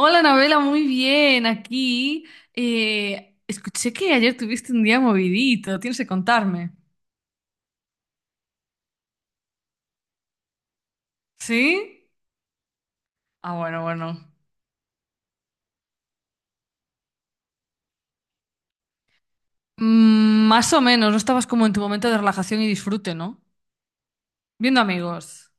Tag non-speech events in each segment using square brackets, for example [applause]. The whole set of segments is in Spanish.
Hola, Anabela, muy bien, aquí. Escuché que ayer tuviste un día movidito, tienes que contarme. ¿Sí? Ah, bueno, bueno. Mm, más o menos, no estabas como en tu momento de relajación y disfrute, ¿no? Viendo amigos.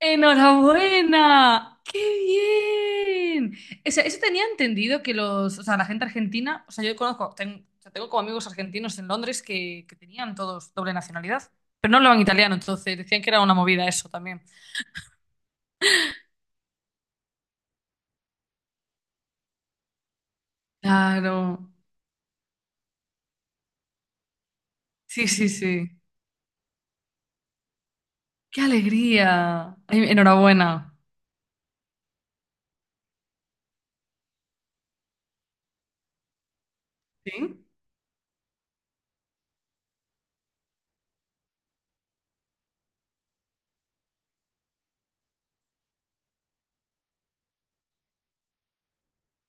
¡Enhorabuena! ¡Qué bien! O sea, eso tenía entendido que los, la gente argentina, o sea, yo conozco, tengo como amigos argentinos en Londres que tenían todos doble nacionalidad, pero no hablaban italiano, entonces decían que era una movida eso también. Claro. Sí, sí, sí. ¡Qué alegría! Ay, enhorabuena. ¿Sí?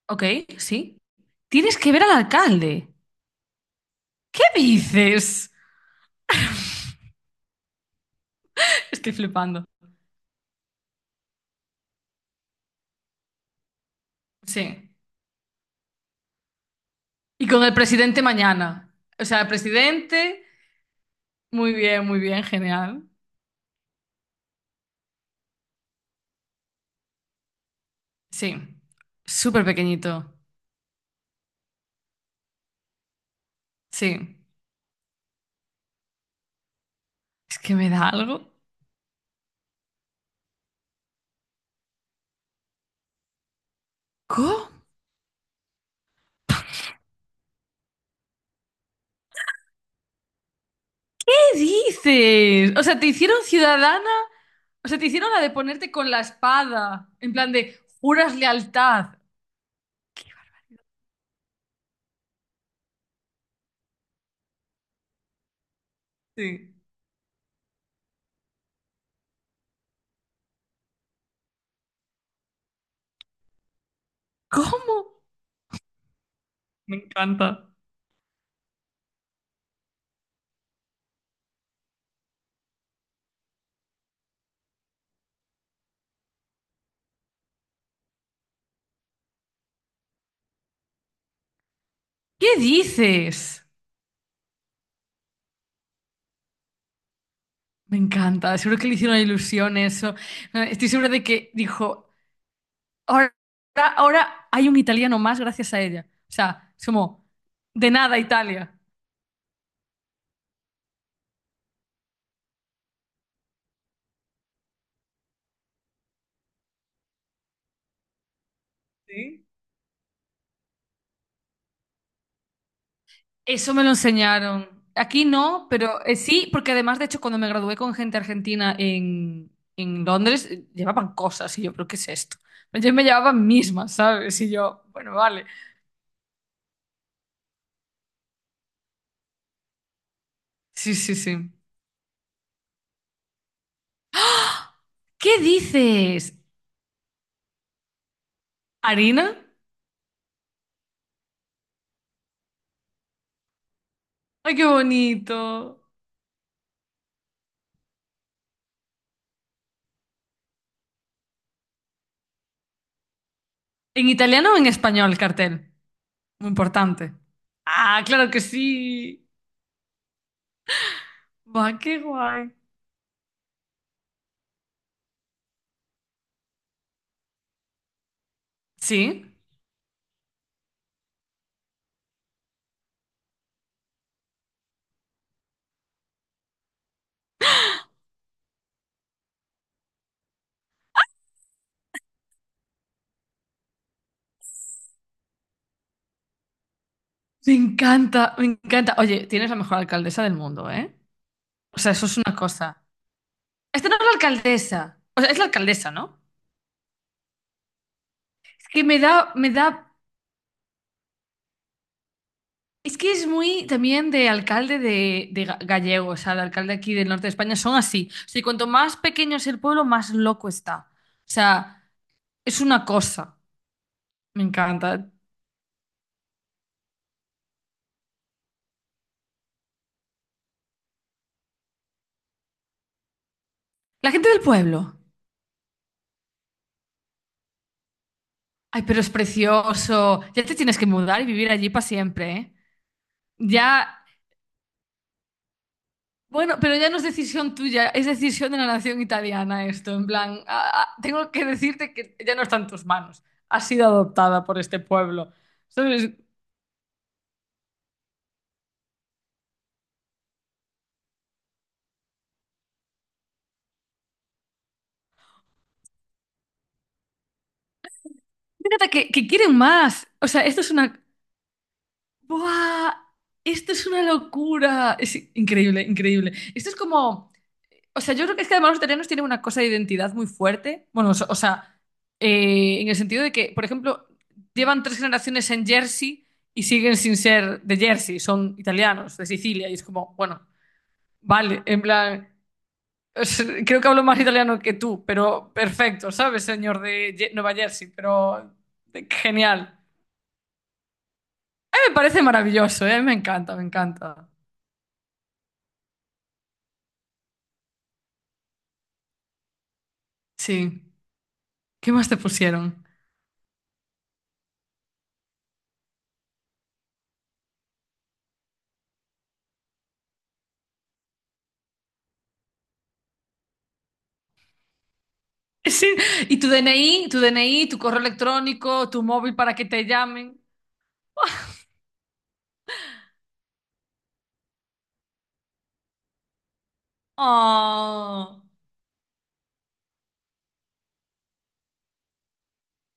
Ok, sí. Tienes que ver al alcalde. ¿Qué dices? [laughs] Estoy flipando. Sí. Y con el presidente mañana. O sea, el presidente. Muy bien, genial. Sí. Súper pequeñito. Sí. Es que me da algo. ¿Cómo? ¿Qué dices? O sea, te hicieron ciudadana. O sea, te hicieron la de ponerte con la espada. En plan de juras lealtad. Sí. ¿Cómo? Me encanta. ¿Qué dices? Me encanta, seguro que le hicieron ilusión eso. Estoy segura de que dijo, ahora, ahora hay un italiano más gracias a ella. O sea, es como, de nada Italia. Sí. Eso me lo enseñaron. Aquí no, pero sí, porque además, de hecho, cuando me gradué con gente argentina en Londres, llevaban cosas y yo, ¿pero qué es esto? Yo me llevaban mismas, ¿sabes? Y yo, bueno, vale. Sí, sí, sí. ¿Qué dices? ¿Harina? ¡Ay, qué bonito! ¿En italiano o en español el cartel? Muy importante. Ah, claro que sí. Va, qué guay. Sí, me encanta, me encanta. Oye, tienes la mejor alcaldesa del mundo, ¿eh? O sea, eso es una cosa. Esta no es la alcaldesa. O sea, es la alcaldesa, ¿no? Es que me da, me da. Es que es muy también de alcalde de gallego, o sea, el alcalde aquí del norte de España son así. O sea, y cuanto más pequeño es el pueblo, más loco está. O sea, es una cosa. Me encanta. La gente del pueblo. Ay, pero es precioso. Ya te tienes que mudar y vivir allí para siempre, ¿eh? Ya, bueno, pero ya no es decisión tuya, es decisión de la nación italiana esto. En plan, ah, ah, tengo que decirte que ya no está en tus manos. Has sido adoptada por este pueblo. ¿Sabes? Fíjate que quieren más. O sea, esto es una... ¡Buah! Esto es una locura. Es increíble, increíble. Esto es como... O sea, yo creo que es que además los italianos tienen una cosa de identidad muy fuerte. Bueno, o sea, en el sentido de que, por ejemplo, llevan tres generaciones en Jersey y siguen sin ser de Jersey, son italianos, de Sicilia, y es como, bueno, vale, en plan, creo que hablo más italiano que tú, pero perfecto, ¿sabes, señor de Nueva Jersey? Pero genial. Me parece maravilloso, ¿eh? Me encanta, me encanta. Sí. ¿Qué más te pusieron? Sí, y tu DNI, tu DNI, tu correo electrónico, tu móvil para que te llamen. Oh.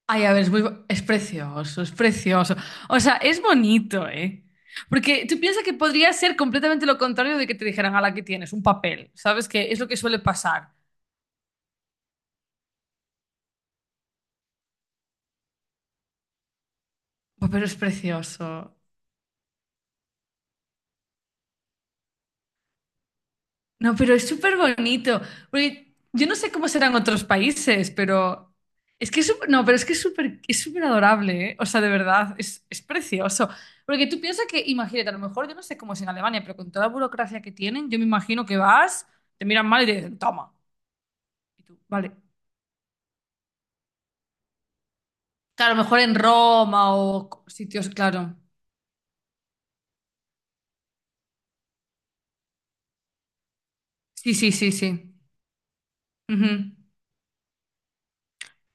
Ay, a ver, es muy, es precioso, es precioso. O sea, es bonito, ¿eh? Porque tú piensas que podría ser completamente lo contrario de que te dijeran, a la que tienes, un papel. ¿Sabes? Que es lo que suele pasar. Oh, pero es precioso. No, pero es súper bonito. Porque yo no sé cómo serán otros países, pero es que es súper, no, pero es que es súper adorable, ¿eh? O sea, de verdad, es precioso. Porque tú piensas que, imagínate, a lo mejor yo no sé cómo es en Alemania, pero con toda la burocracia que tienen, yo me imagino que vas, te miran mal y te dicen, toma. Y tú, vale. Claro, a lo mejor en Roma o sitios, claro. Sí, sí, sí, sí. Ujú.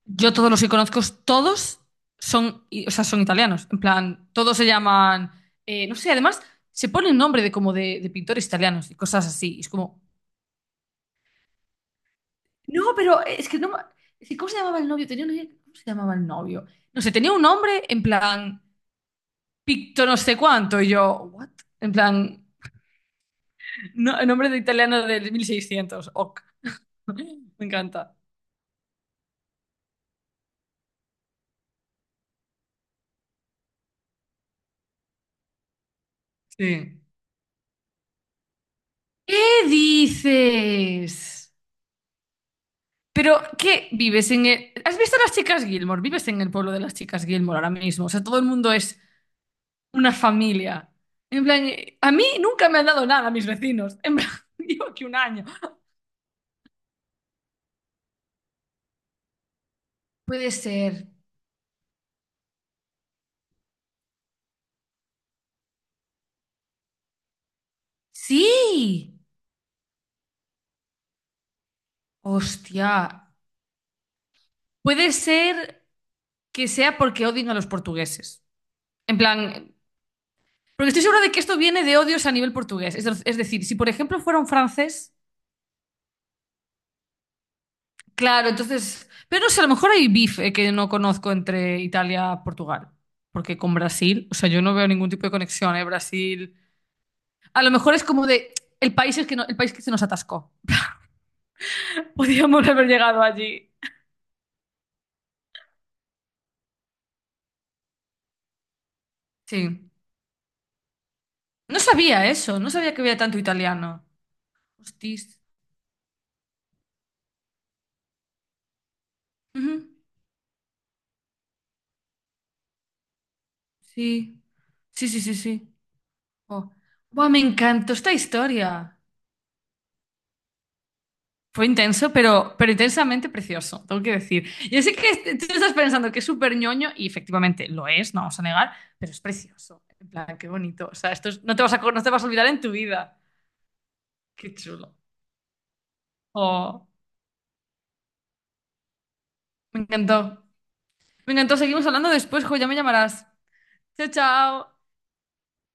Yo todos los que conozco, todos son, son italianos. En plan, todos se llaman, no sé, además se pone el nombre de como de pintores italianos y cosas así. Y es como, no, pero es que no, es que ¿cómo se llamaba el novio? Tenía una idea, ¿cómo se llamaba el novio? No sé, tenía un nombre en plan, Picto no sé cuánto. Y yo, ¿what? En plan, no, el nombre de italiano del mil seiscientos. Ok. [laughs] Me encanta. Sí. ¿Qué dices? Pero, ¿qué vives en el... ¿Has visto las chicas Gilmore? Vives en el pueblo de las chicas Gilmore ahora mismo. O sea, todo el mundo es una familia. En plan, a mí nunca me han dado nada mis vecinos. En plan, [laughs] digo que un año. Puede ser. Sí. Hostia. Puede ser que sea porque odien a los portugueses. En plan, porque estoy segura de que esto viene de odios a nivel portugués. Es decir, si por ejemplo fuera un francés... Claro, entonces, pero no sé, a lo mejor hay bife que no conozco entre Italia y Portugal, porque con Brasil, o sea, yo no veo ningún tipo de conexión, ¿eh? Brasil, a lo mejor es como de el país es que no, el país que se nos atascó. [laughs] Podíamos haber llegado allí. Sí. No sabía eso, no sabía que había tanto italiano. Hostis. Ujú. Sí. Sí, sí, sí, sí. Oh. Buah, me encantó esta historia. Fue intenso, pero intensamente precioso, tengo que decir. Yo sé que tú estás pensando que es súper ñoño y efectivamente lo es, no vamos a negar, pero es precioso. En plan, qué bonito. O sea, no te vas a, no te vas a olvidar en tu vida. Qué chulo. Oh, me encantó. Me encantó. Seguimos hablando después, jo, ya me llamarás. Chao, chao.